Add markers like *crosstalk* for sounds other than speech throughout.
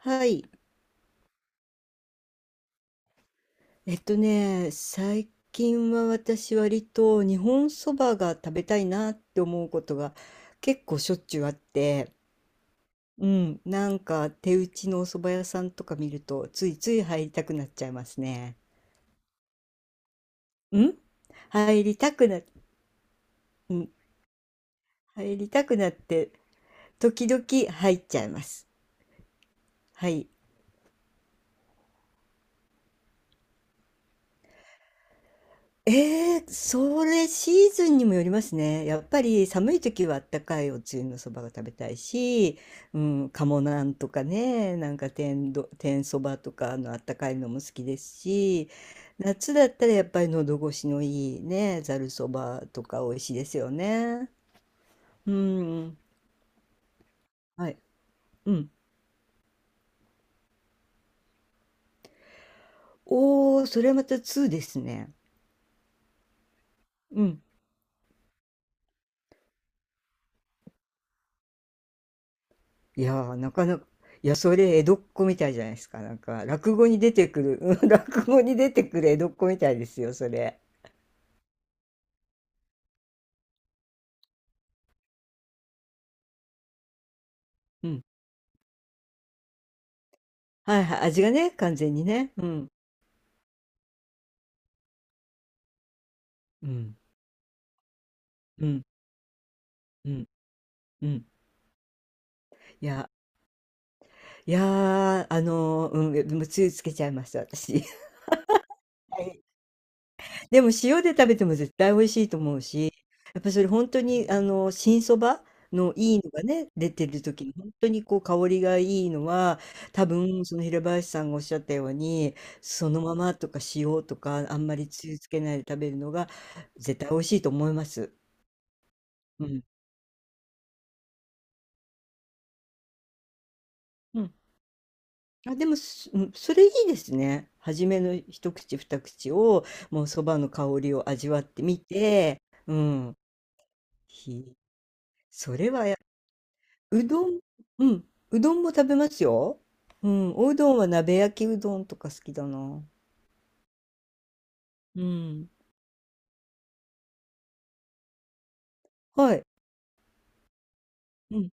はい。最近は私割と日本そばが食べたいなって思うことが結構しょっちゅうあって、うん、なんか手打ちのお蕎麦屋さんとか見るとついつい入りたくなっちゃいますね。ん入りたくな、うん、入りたくなって時々入っちゃいます。はい。それシーズンにもよりますね。やっぱり寒い時はあったかいおつゆのそばが食べたいし、うん、鴨なんとかね、天そばとかのあったかいのも好きですし、夏だったらやっぱり喉越しのいいね、ざるそばとか美味しいですよね。うん、はい、うん。おー、それはまた2ですね。うん。いやー、なかなか、いや、それ江戸っ子みたいじゃないですか。なんか、落語に出てくる、*laughs* 落語に出てくる江戸っ子みたいですよ、それ。うん。はいはい、味がね、完全にね。うん。うん。うん。うん。うん。いや、いやでもつゆつけちゃいました、私。*laughs* はい。でも塩で食べても絶対美味しいと思うし、やっぱそれ本当に新そばのいいのがね、出てる時に本当にこう香りがいいのは、多分その平林さんがおっしゃったように、そのままとか塩とかあんまりつゆつけないで食べるのが絶対美味しいと思います。うん。うん。あ、でも、うん、それいいですね。初めの一口二口を、もうそばの香りを味わってみて、うん。ひそれはやうどん、うん、うどんも食べますよ。うん、おうどんは鍋焼きうどんとか好きだな。うん。はい。うん。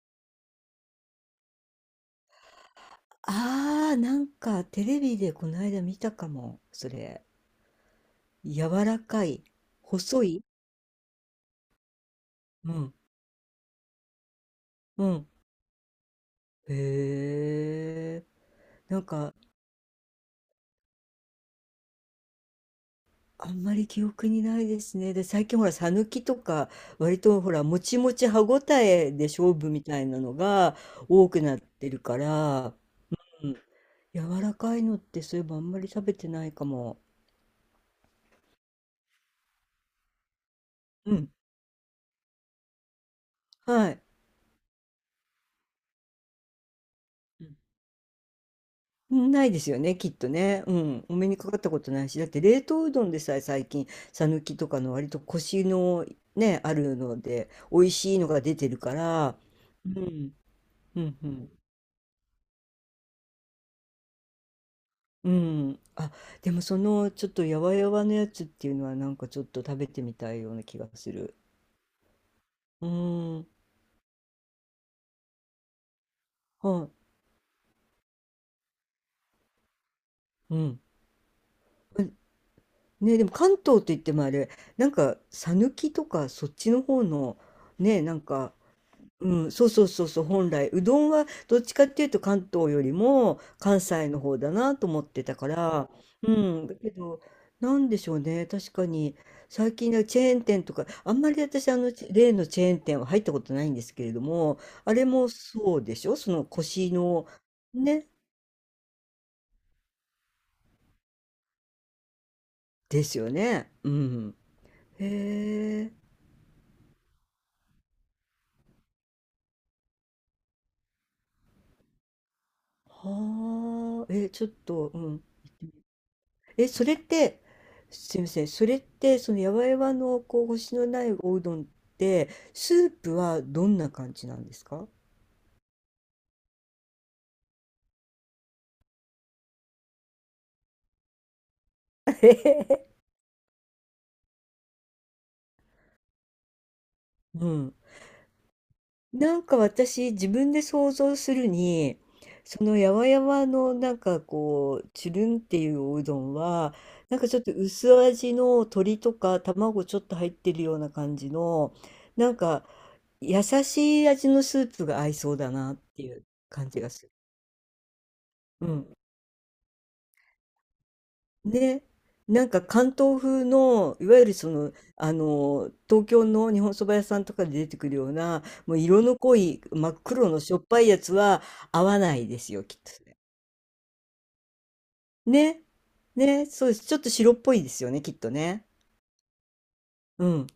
ああ、なんかテレビでこの間見たかも、それ。柔らかい、細い。うん、うん。へえ。なんか、あんまり記憶にないですね。で、最近ほら、さぬきとか、割とほら、もちもち歯ごたえで勝負みたいなのが多くなってるから、柔らかいのってそういえばあんまり食べてないかも。うん。はい。うん。ないですよね、きっとね。うん。お目にかかったことないし、だって冷凍うどんでさえ最近、さぬきとかの割とコシのね、あるので、美味しいのが出てるから、うん、うん、うん。うん、あ、でもそのちょっとやわやわのやつっていうのはなんかちょっと食べてみたいような気がする。うーん、はい、うん。ね、でも関東って言ってもあれ、なんか、さぬきとかそっちの方の、ね、なんか、うん、そうそうそうそう、本来、うどんはどっちかっていうと関東よりも関西の方だなと思ってたから、うん、だけど、なんでしょうね、確かに、最近ねチェーン店とか、あんまり私、例のチェーン店は入ったことないんですけれども、あれもそうでしょ、その腰の、ね、ですよね。うん。へえ。え、ちょっと、うん。え、それって、すみません、それって、そのやわやわのこう星のないおうどんって、スープはどんな感じなんですか？ *laughs* うん。なんか私、自分で想像するに、そのやわやわのなんかこう、つるんっていうおうどんは、なんかちょっと薄味の鶏とか卵ちょっと入ってるような感じの、なんか優しい味のスープが合いそうだなっていう感じがする。うん。ね。なんか関東風の、いわゆる東京の日本そば屋さんとかで出てくるような、もう色の濃い真っ黒のしょっぱいやつは合わないですよ、きっとそれ。ね。ね。そうです。ちょっと白っぽいですよね、きっとね。うん。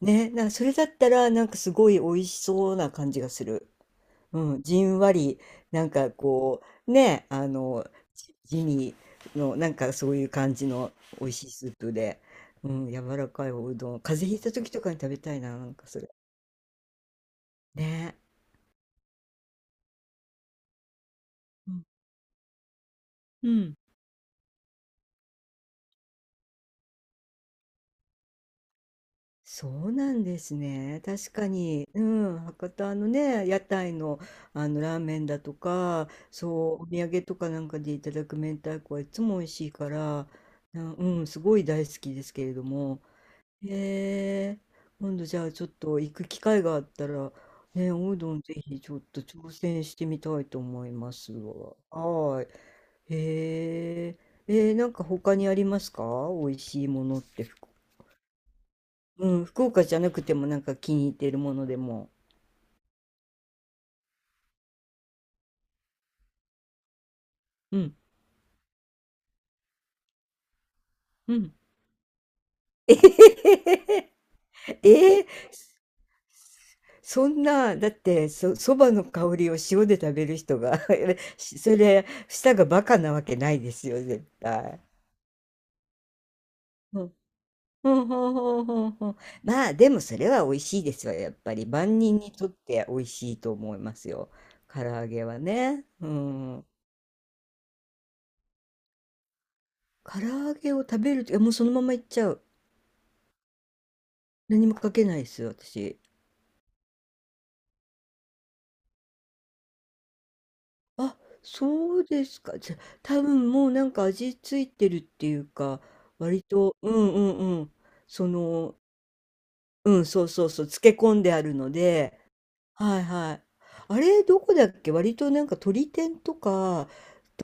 ね。なんかそれだったら、なんかすごい美味しそうな感じがする。うん、じんわり、なんかこう、ね、あの、地味の、なんかそういう感じの美味しいスープで、うん、柔らかいおうどん、風邪ひいた時とかに食べたいな、なんかそれ。ね。うん、うん。そうなんですね。確かに、うん、博多のね、屋台の、あのラーメンだとか、そう、お土産とかなんかでいただく明太子はいつも美味しいから、うん、すごい大好きですけれども。へえ、今度じゃあちょっと行く機会があったら、ね、おうどんぜひちょっと挑戦してみたいと思いますわ。はーい。へえ、えー、なんか他にありますか？美味しいものってうん、福岡じゃなくてもなんか気に入ってるものでも。うん、うん。*laughs* えー、そんな、だってそ、そばの香りを塩で食べる人が *laughs* それ、舌がバカなわけないですよ、絶対。ふんふんふんふんふん。まあ、でもそれは美味しいですよ、やっぱり。万人にとって美味しいと思いますよ。唐揚げはね。うん。唐揚げを食べると、いやもうそのままいっちゃう。何もかけないですよ、私。あ、そうですか。じゃ、多分もうなんか味ついてるっていうか、割と、うんうんうん。その、うん、そうそうそう、漬け込んであるので、はいはい。あれ、どこだっけ、割となんか鳥天とか、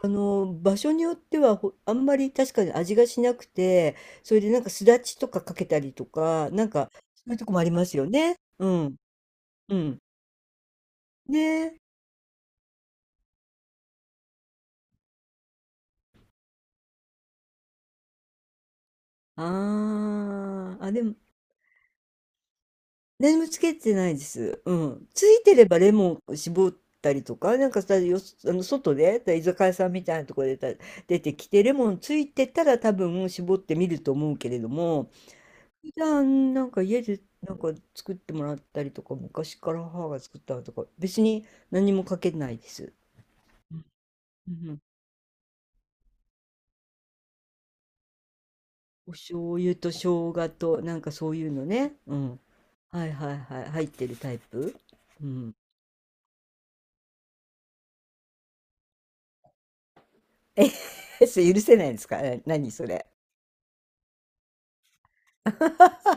あの、場所によってはほあんまり確かに味がしなくて、それでなんかすだちとかかけたりとか、なんかそういうとこもありますよね。うん。うん。ねえ。あー。あ、でも、何もつけてないです。うん。ついてればレモンを絞ったりとか、なんかさ、よ、あの、外で、居酒屋さんみたいなところで出てきて、レモンついてたら多分絞ってみると思うけれども、普段、家で作ってもらったりとか、昔から母が作ったのとか、別に何もかけないです。うんうん。お醤油と生姜となんかそういうのね。うん。はいはいはい。入ってるタイプ。うん。え、*laughs* それ許せないんですか？何それ。*laughs*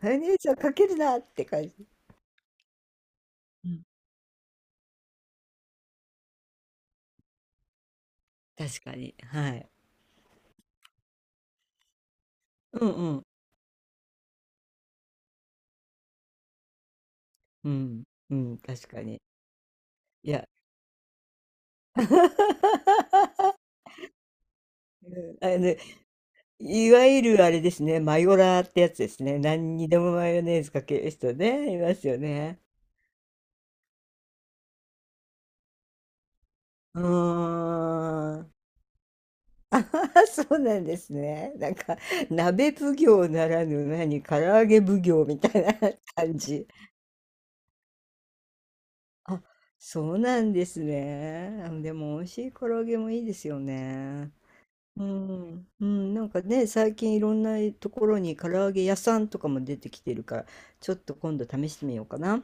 マヨネーズはかけるなって感じ。うん。確かに。はい。うんうん。うん。うん。確かに。いや。*laughs* うんあのねいわゆるあれですね、マヨラーってやつですね。何にでもマヨネーズかける人ね、いますよね。うーん。*laughs* そうなんですね。なんか、鍋奉行ならぬ何、唐揚げ奉行みたいな *laughs* 感じ。あ、そうなんですね。あでも、美味しい唐揚げもいいですよね。うん、うん、なんかね、最近いろんなところに唐揚げ屋さんとかも出てきてるから、ちょっと今度試してみようかな。